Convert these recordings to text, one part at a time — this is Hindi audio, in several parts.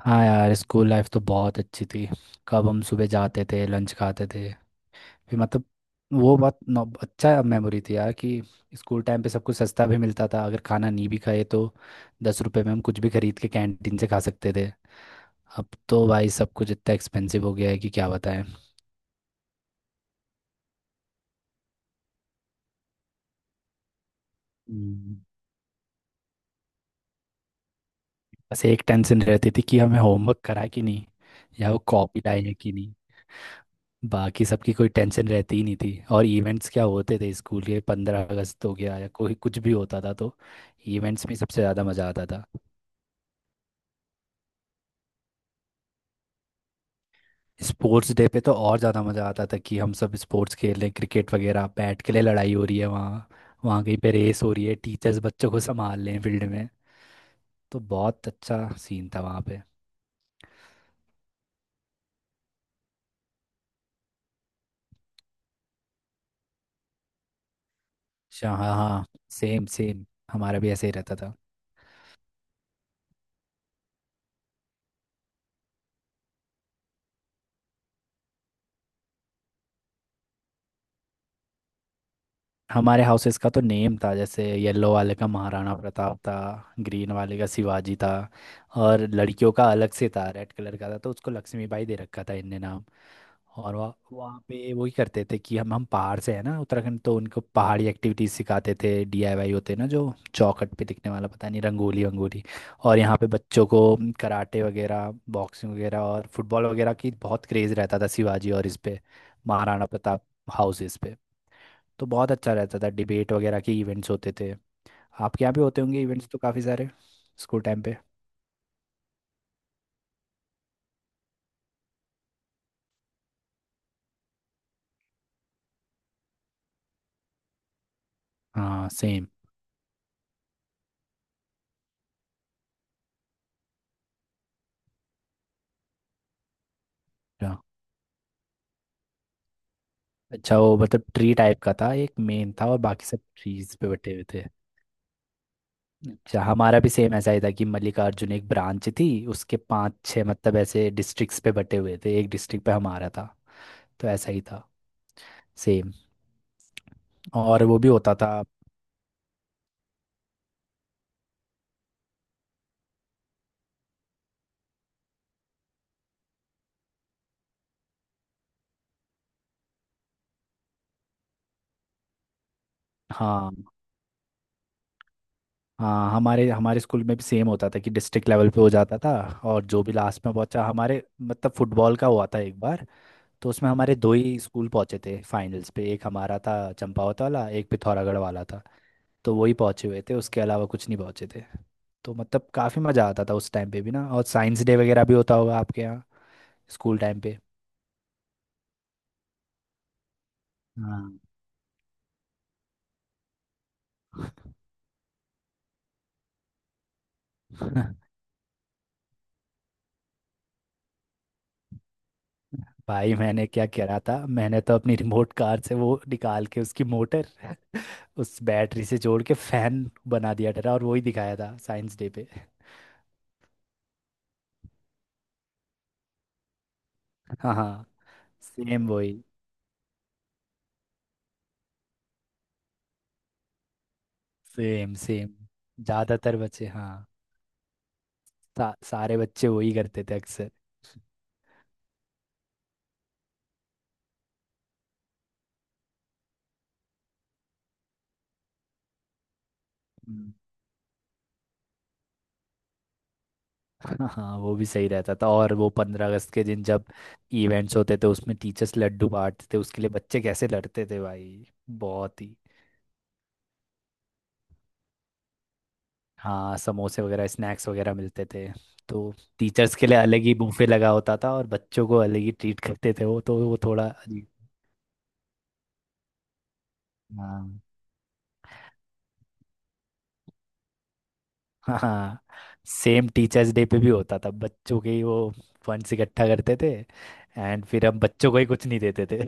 हाँ यार, स्कूल लाइफ तो बहुत अच्छी थी। कब हम सुबह जाते थे, लंच खाते थे। फिर मतलब वो बहुत अच्छा मेमोरी थी यार, कि स्कूल टाइम पे सब कुछ सस्ता भी मिलता था। अगर खाना नहीं भी खाए तो 10 रुपए में हम कुछ भी खरीद के कैंटीन से खा सकते थे। अब तो भाई सब कुछ इतना एक्सपेंसिव हो गया है कि क्या बताएं। हम्म। बस एक टेंशन रहती थी कि हमें होमवर्क करा कि नहीं, या वो कॉपी लाए हैं कि। बाकी सबकी कोई टेंशन रहती ही नहीं थी। और इवेंट्स क्या होते थे स्कूल के, 15 अगस्त हो गया या कोई कुछ भी होता था तो इवेंट्स में सबसे ज़्यादा मज़ा आता था। स्पोर्ट्स डे पे तो और ज़्यादा मज़ा आता था कि हम सब स्पोर्ट्स खेल रहे हैं, क्रिकेट वगैरह, बैट के लिए लड़ाई हो रही है वहाँ। वहाँ कहीं पे रेस हो रही है, टीचर्स बच्चों को संभाल रहे हैं फील्ड में। तो बहुत अच्छा सीन था वहाँ पे। अच्छा, हाँ हाँ। Same same. हमारा भी ऐसे ही रहता था। हमारे हाउसेस का तो नेम था, जैसे येलो वाले का महाराणा प्रताप था, ग्रीन वाले का शिवाजी था। और लड़कियों का अलग से था, रेड कलर का था, तो उसको लक्ष्मीबाई दे रखा था इनने नाम। और वहाँ वहाँ पे वही करते थे कि हम पहाड़ से है ना, उत्तराखंड, तो उनको पहाड़ी एक्टिविटीज सिखाते थे। डीआईवाई होते हैं ना, जो चौखट पे दिखने वाला, पता नहीं, रंगोली वंगोली। और यहाँ पे बच्चों को कराटे वगैरह, बॉक्सिंग वगैरह और फुटबॉल वगैरह की बहुत क्रेज रहता था शिवाजी और इस पे महाराणा प्रताप हाउसेस पे। तो बहुत अच्छा रहता था। डिबेट वगैरह के इवेंट्स होते थे। आपके यहाँ भी होते होंगे इवेंट्स तो काफ़ी सारे स्कूल टाइम पे। हाँ सेम। अच्छा, वो मतलब ट्री टाइप का था, एक मेन था और बाकी सब ट्रीज पे बैठे हुए थे। अच्छा, हमारा भी सेम ऐसा ही था कि मल्लिकार्जुन एक ब्रांच थी, उसके पांच छह मतलब ऐसे डिस्ट्रिक्ट्स पे बटे हुए थे, एक डिस्ट्रिक्ट पे हमारा था। तो ऐसा ही था। सेम। और वो भी होता था। हाँ हाँ, हमारे हमारे स्कूल में भी सेम होता था कि डिस्ट्रिक्ट लेवल पे हो जाता था। और जो भी लास्ट में पहुंचा, हमारे मतलब फुटबॉल का हुआ था एक बार, तो उसमें हमारे दो ही स्कूल पहुंचे थे फाइनल्स पे, एक हमारा था चंपावत वाला, एक पिथौरागढ़ वाला था। तो वही पहुंचे हुए थे, उसके अलावा कुछ नहीं पहुंचे थे। तो मतलब काफ़ी मज़ा आता था उस टाइम पे भी ना। और साइंस डे वगैरह भी होता होगा आपके यहाँ स्कूल टाइम पे। हाँ। भाई मैंने क्या करा था, मैंने तो अपनी रिमोट कार से वो निकाल के उसकी मोटर उस बैटरी से जोड़ के फैन बना दिया था और वही दिखाया था साइंस डे पे। हाँ हाँ, सेम वही। सेम सेम, ज्यादातर बच्चे, हाँ सारे बच्चे वही करते थे अक्सर। हम्म। हाँ हाँ, वो भी सही रहता था। और वो 15 अगस्त के दिन जब इवेंट्स होते थे उसमें टीचर्स लड्डू बांटते थे, उसके लिए बच्चे कैसे लड़ते थे भाई, बहुत ही। हाँ, समोसे वगैरह, स्नैक्स वगैरह मिलते थे। तो टीचर्स के लिए अलग ही बुफे लगा होता था और बच्चों को अलग ही ट्रीट करते थे वो, तो वो थोड़ा अजीब। हाँ हाँ। सेम टीचर्स डे पे भी होता था, बच्चों के ही वो फंड्स इकट्ठा करते थे, एंड फिर हम बच्चों को ही कुछ नहीं देते थे।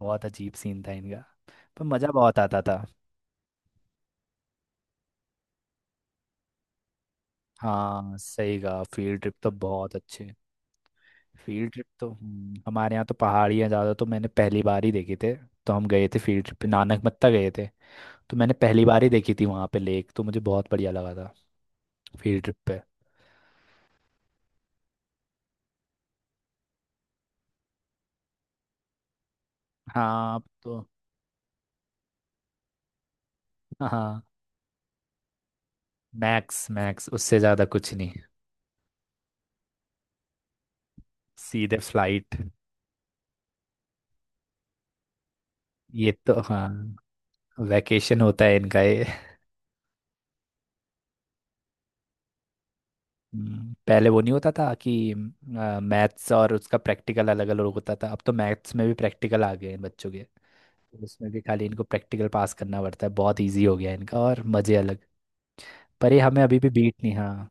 बहुत अजीब सीन था इनका। पर मज़ा बहुत आता था। हाँ सही कहा, फील्ड ट्रिप तो बहुत अच्छे। फील्ड ट्रिप तो हमारे यहाँ तो पहाड़ियाँ ज़्यादा, तो मैंने पहली बार ही देखे थे। तो हम गए थे फील्ड ट्रिप पे, नानक मत्ता गए थे। तो मैंने पहली बार ही देखी थी वहाँ पे लेक, तो मुझे बहुत बढ़िया लगा था फील्ड ट्रिप पे। हाँ अब तो, हाँ, मैक्स मैक्स उससे ज़्यादा कुछ नहीं। सीधे फ्लाइट। ये तो हाँ, वैकेशन होता है इनका ये। पहले वो नहीं होता था कि मैथ्स और उसका प्रैक्टिकल अलग अलग होता था, अब तो मैथ्स में भी प्रैक्टिकल आ गए हैं बच्चों के। तो उसमें भी खाली इनको प्रैक्टिकल पास करना पड़ता है, बहुत इजी हो गया है इनका और मज़े अलग। पर ये हमें अभी भी बीट नहीं, हाँ।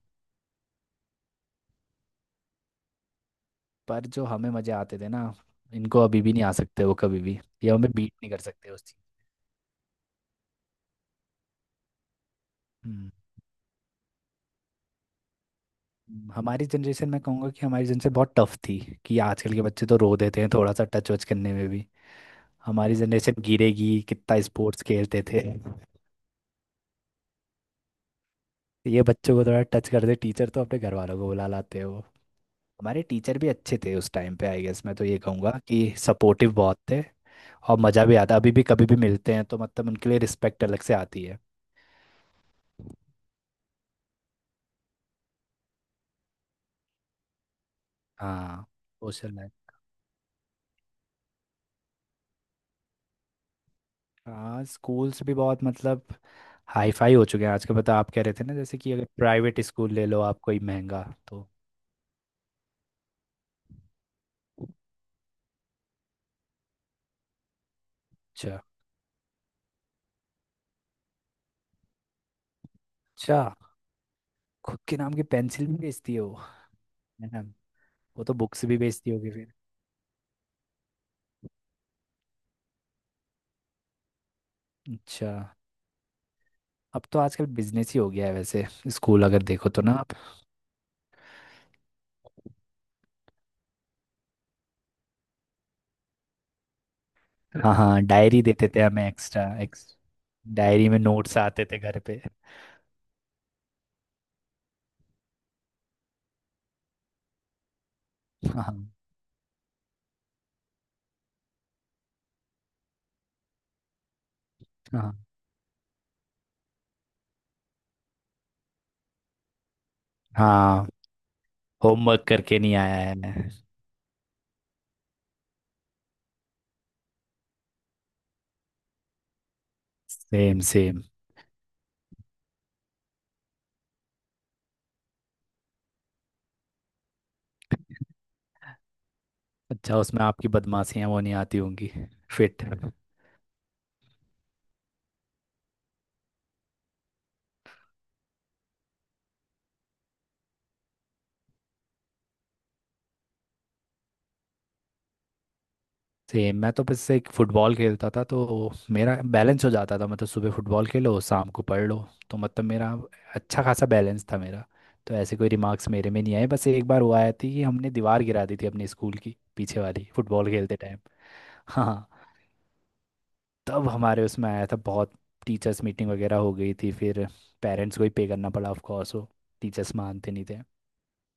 पर जो हमें मज़े आते थे ना, इनको अभी भी नहीं आ सकते वो कभी भी। ये हमें बीट नहीं कर सकते उस चीज़। हम्म, हमारी जनरेशन, मैं कहूँगा कि हमारी जनरेशन बहुत टफ थी। कि आजकल के बच्चे तो रो देते हैं थोड़ा सा टच वच करने में भी। हमारी जनरेशन गिरेगी, कितना स्पोर्ट्स खेलते थे। ये बच्चों को थोड़ा टच कर दे टीचर तो अपने घर वालों को बुला लाते हैं वो। हमारे टीचर भी अच्छे थे उस टाइम पे, आई गेस, मैं तो ये कहूँगा कि सपोर्टिव बहुत थे। और मज़ा भी आता, अभी भी कभी भी मिलते हैं तो मतलब उनके लिए रिस्पेक्ट अलग से आती है। हाँ, सोशल लाइफ, हाँ, स्कूल्स भी बहुत मतलब हाई फाई हो चुके हैं आजकल, पता आप कह रहे थे ना, जैसे कि अगर प्राइवेट स्कूल ले लो आप कोई महंगा तो। अच्छा, अच्छा। खुद के नाम की पेंसिल भी बेचती है वो, है ना। वो तो बुक्स भी बेचती होगी। अच्छा, अब तो आजकल बिजनेस ही हो गया है वैसे स्कूल, अगर देखो तो ना आप। हाँ हाँ, डायरी देते थे हमें एक्स्ट्रा। एक्स डायरी में नोट्स आते थे घर पे। हाँ हाँ हाँ, होमवर्क करके नहीं आया है मैं। Same same. अच्छा, उसमें आपकी बदमाशियां वो नहीं आती होंगी। फिट। सेम, मैं तो बस एक फुटबॉल खेलता था तो मेरा बैलेंस हो जाता था, मतलब सुबह फुटबॉल खेलो, शाम को पढ़ लो। तो मतलब मेरा अच्छा खासा बैलेंस था मेरा। तो ऐसे कोई रिमार्क्स मेरे में नहीं आए। बस एक बार हुआ आया थी कि हमने दीवार गिरा दी थी अपने स्कूल की पीछे वाली, फुटबॉल खेलते टाइम। हाँ, तब हमारे उसमें आया था बहुत। टीचर्स मीटिंग वगैरह हो गई थी फिर। पेरेंट्स को ही पे करना पड़ा ऑफ कोर्स, वो टीचर्स मानते नहीं थे।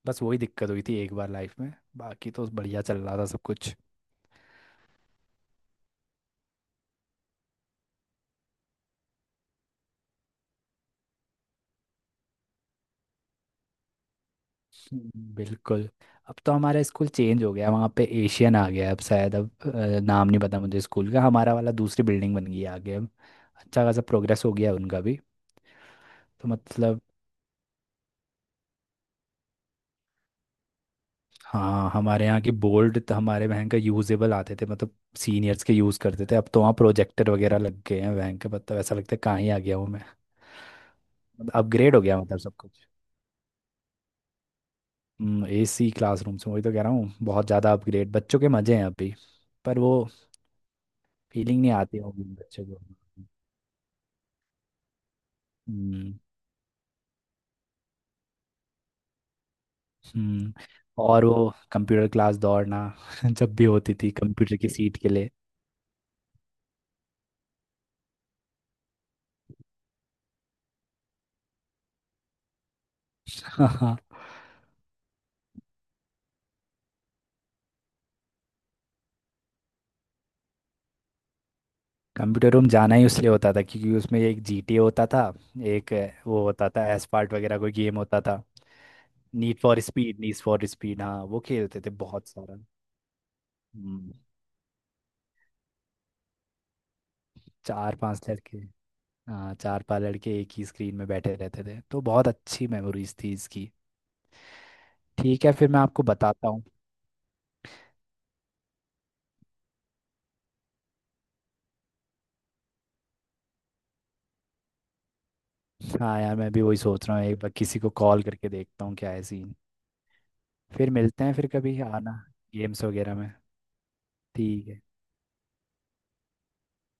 बस वही दिक्कत हुई थी एक बार लाइफ में। बाकी तो बढ़िया चल रहा था सब कुछ। बिल्कुल। अब तो हमारा स्कूल चेंज हो गया, वहाँ पे एशियन आ गया अब शायद, अब नाम नहीं पता मुझे स्कूल का। हमारा वाला दूसरी बिल्डिंग बन गई है आगे अब। अच्छा खासा प्रोग्रेस हो गया है उनका भी। तो मतलब, हाँ, हमारे यहाँ की बोर्ड तो हमारे वहाँ का यूजेबल आते थे, मतलब सीनियर्स के यूज़ करते थे। अब तो वहाँ प्रोजेक्टर वगैरह लग गए हैं वहाँ के, मतलब ऐसा लगता है कहाँ ही आ गया हूँ मैं। मतलब अपग्रेड हो गया, मतलब सब कुछ। एसी क्लासरूम से वही तो कह रहा हूँ, बहुत ज़्यादा अपग्रेड, बच्चों के मज़े हैं अभी। पर वो फीलिंग नहीं आती होगी बच्चों को। हम्म हम्म, और वो कंप्यूटर क्लास दौड़ना जब भी होती थी कंप्यूटर की सीट के लिए। हाँ, कंप्यूटर रूम जाना ही उसलिए होता था क्योंकि उसमें एक जीटीए होता था। एक वो होता था एसपार्ट वगैरह कोई गेम होता था। Need for Speed, Need for Speed, हाँ वो खेलते थे बहुत सारा। हम्म, चार पांच लड़के, हाँ चार पांच लड़के एक ही स्क्रीन में बैठे रहते थे। तो बहुत अच्छी मेमोरीज थी इसकी। ठीक है, फिर मैं आपको बताता हूँ। हाँ यार, मैं भी वही सोच रहा हूँ, एक बार किसी को कॉल करके देखता हूँ क्या है सीन। फिर मिलते हैं, फिर कभी आना गेम्स वगैरह में। ठीक है।